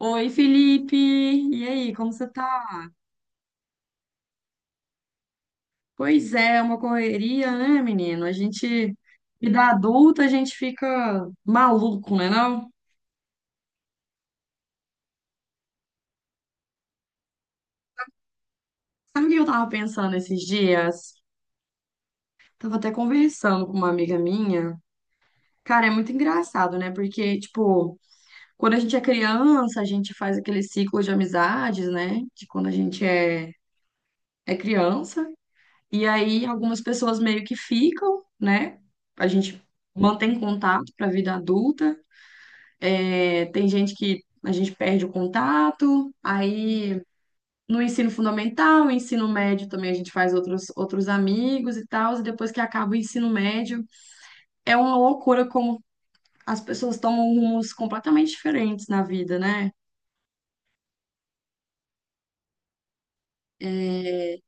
Oi, Felipe! E aí, como você tá? Pois é, é uma correria, né, menino? Vida adulta, a gente fica maluco, né, não? Sabe o que eu tava pensando esses dias? Tava até conversando com uma amiga minha. Cara, é muito engraçado, né? Porque, tipo, quando a gente é criança, a gente faz aquele ciclo de amizades, né? De quando a gente é criança. E aí, algumas pessoas meio que ficam, né? A gente mantém contato pra vida adulta. É, tem gente que a gente perde o contato, aí no ensino fundamental, ensino médio também a gente faz outros amigos e tal, e depois que acaba o ensino médio, é uma loucura como as pessoas tomam rumos completamente diferentes na vida, né? É.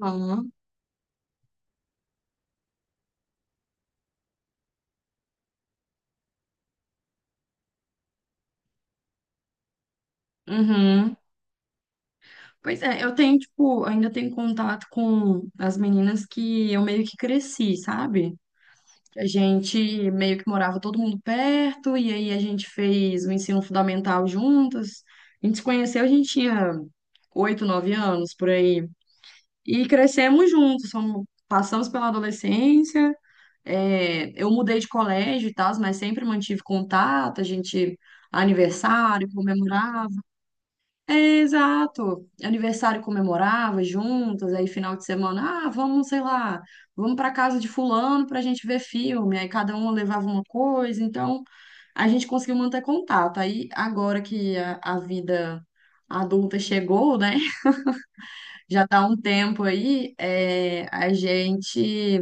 Aham. Uhum. Pois é, eu tenho, tipo, ainda tenho contato com as meninas que eu meio que cresci, sabe? A gente meio que morava todo mundo perto, e aí a gente fez o ensino fundamental juntas. A gente se conheceu, a gente tinha oito, nove anos por aí. E crescemos juntos, passamos pela adolescência. É, eu mudei de colégio e tal, mas sempre mantive contato. Aniversário, comemorava. É, exato. Aniversário comemorava juntas, aí final de semana, ah, vamos, sei lá, vamos para casa de fulano para a gente ver filme. Aí cada um levava uma coisa, então a gente conseguiu manter contato. Aí agora que a vida adulta chegou, né? Já tá um tempo aí, é, a gente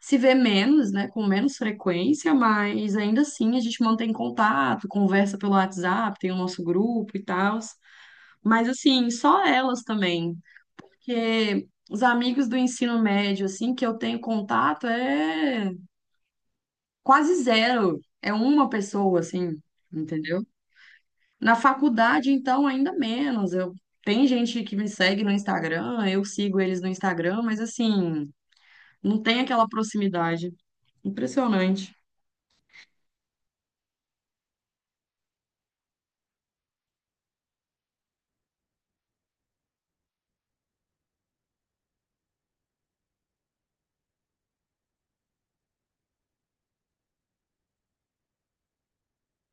se vê menos, né? Com menos frequência, mas ainda assim a gente mantém contato, conversa pelo WhatsApp, tem o nosso grupo e tal. Mas assim, só elas também, porque os amigos do ensino médio assim que eu tenho contato é quase zero, é uma pessoa assim, entendeu? Na faculdade então ainda menos. Eu Tem gente que me segue no Instagram, eu sigo eles no Instagram, mas assim, não tem aquela proximidade. Impressionante.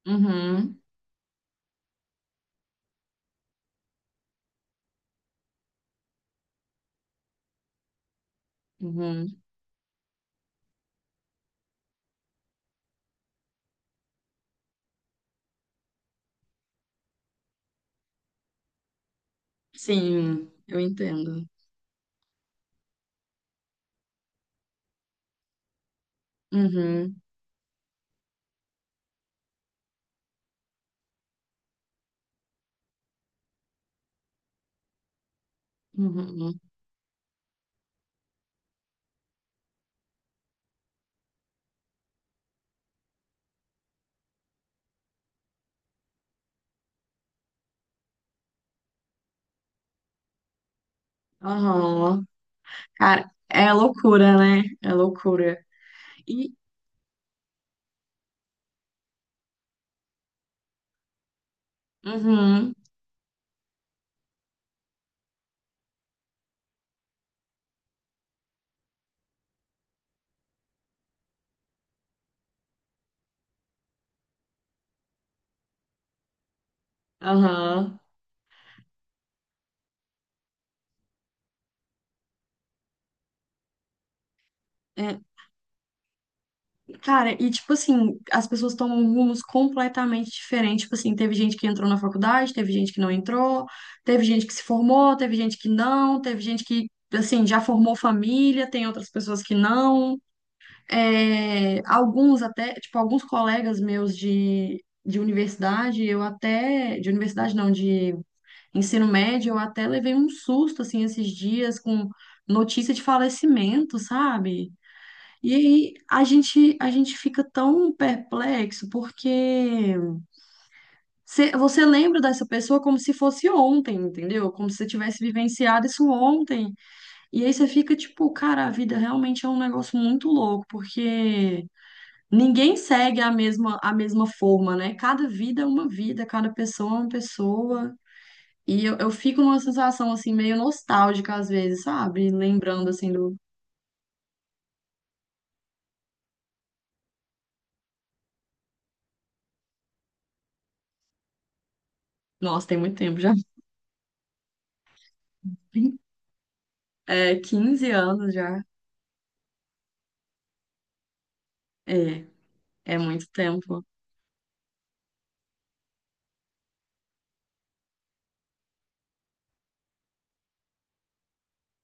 Uhum, uhum. Sim, eu entendo. Uhum, uhum. Uhum. Aham. Cara, é loucura, né? É loucura. E. Uhum, aham. É, cara, e tipo assim, as pessoas tomam rumos completamente diferentes. Tipo assim, teve gente que entrou na faculdade, teve gente que não entrou, teve gente que se formou, teve gente que não, teve gente que, assim, já formou família, tem outras pessoas que não. É, alguns até, tipo, alguns colegas meus de universidade, eu até, de universidade não, de ensino médio, eu até levei um susto assim esses dias com notícia de falecimento, sabe? E aí a gente fica tão perplexo porque você lembra dessa pessoa como se fosse ontem, entendeu? Como se você tivesse vivenciado isso ontem. E aí você fica tipo, cara, a vida realmente é um negócio muito louco, porque ninguém segue a mesma forma, né? Cada vida é uma vida, cada pessoa é uma pessoa. E eu fico numa sensação, assim, meio nostálgica às vezes, sabe? Lembrando, assim, do... Nossa, tem muito tempo já. É, 15 anos já. É, é muito tempo.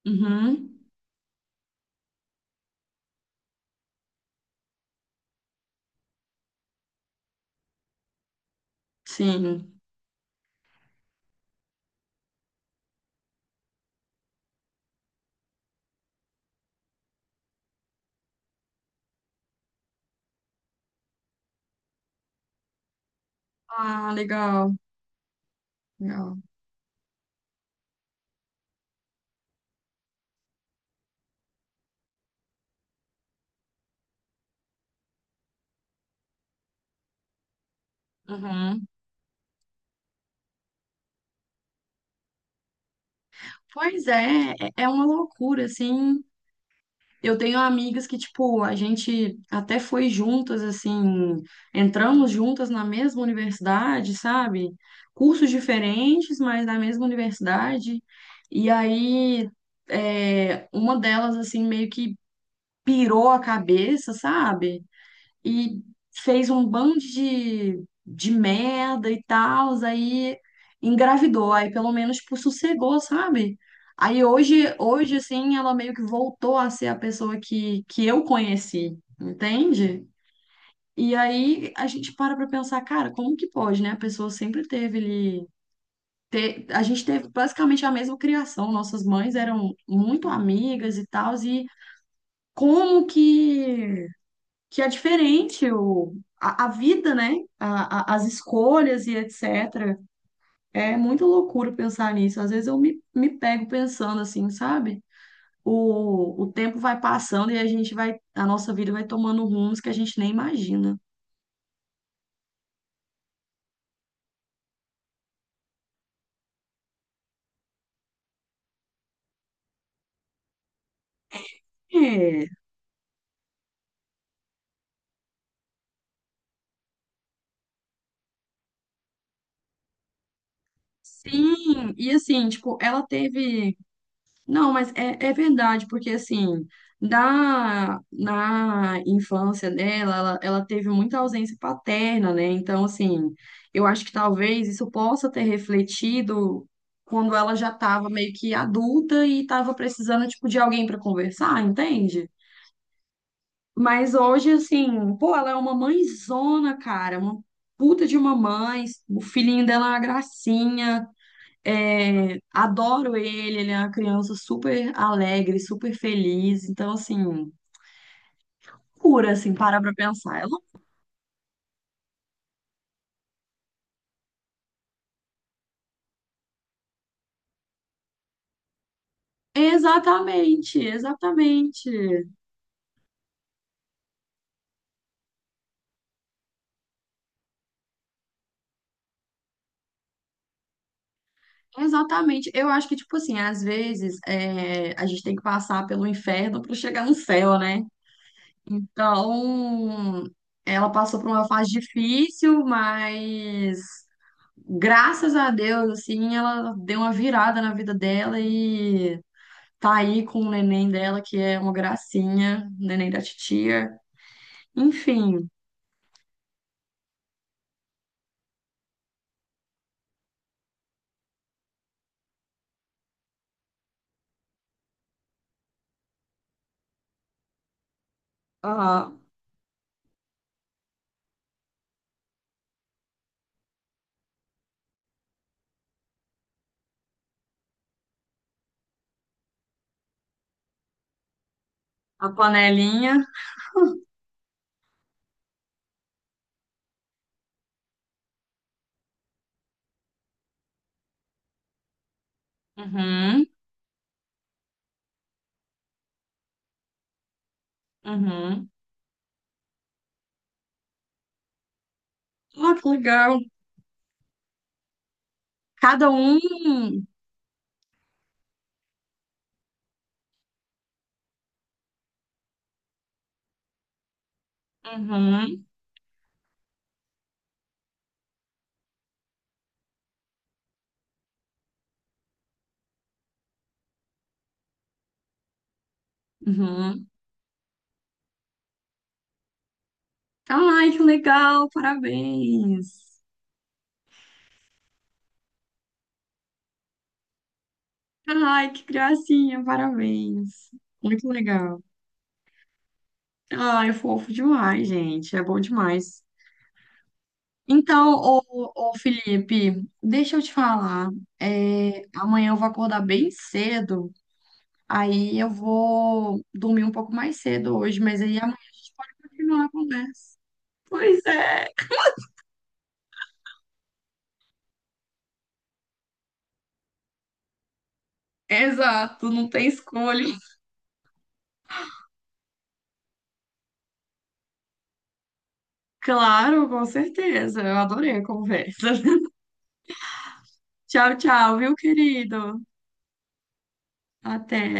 Uhum, sim. Ah, legal, legal. Uhum. Pois é, é uma loucura, assim. Eu tenho amigas que, tipo, a gente até foi juntas, assim, entramos juntas na mesma universidade, sabe? Cursos diferentes, mas na mesma universidade. E aí, é, uma delas, assim, meio que pirou a cabeça, sabe? E fez um bando de merda e tal, aí engravidou, aí pelo menos tipo, sossegou, sabe? Aí hoje, assim, ela meio que voltou a ser a pessoa que eu conheci, entende? E aí a gente para pra pensar, cara, como que pode, né? A pessoa sempre teve ali. A gente teve basicamente a mesma criação, nossas mães eram muito amigas e tal, e como que é diferente a vida, né? As escolhas e etc. É muito loucura pensar nisso. Às vezes eu me pego pensando assim, sabe? O tempo vai passando e a gente vai, a nossa vida vai tomando rumos que a gente nem imagina. É, sim, e assim, tipo, ela teve. Não, mas é verdade, porque assim, na infância dela, ela teve muita ausência paterna, né? Então, assim, eu acho que talvez isso possa ter refletido quando ela já estava meio que adulta e estava precisando, tipo, de alguém para conversar, entende? Mas hoje, assim, pô, ela é uma mãezona, cara, uma puta de uma mãe, o filhinho dela é uma gracinha. É, adoro ele, ele é uma criança super alegre, super feliz. Então, assim, cura, assim, para pra pensar. Ela- Exatamente, exatamente, exatamente. Eu acho que, tipo assim, às vezes é, a gente tem que passar pelo inferno para chegar no céu, né? Então, ela passou por uma fase difícil, mas graças a Deus, assim, ela deu uma virada na vida dela, tá aí com o neném dela, que é uma gracinha, o neném da titia. Enfim, a, a panelinha. Uhum, uhum. Ah, que legal. Cada um. Uhum, uhum. Tá, ai, que legal, parabéns. Tá, ai, que gracinha, parabéns. Muito legal. Ai, é fofo demais, gente. É bom demais. Então, ô, ô Felipe, deixa eu te falar. É, amanhã eu vou acordar bem cedo. Aí eu vou dormir um pouco mais cedo hoje, mas aí amanhã a gente pode continuar a conversa. Pois é, exato, não tem escolha. Claro, com certeza. Eu adorei a conversa. Tchau, tchau, viu, querido? Até.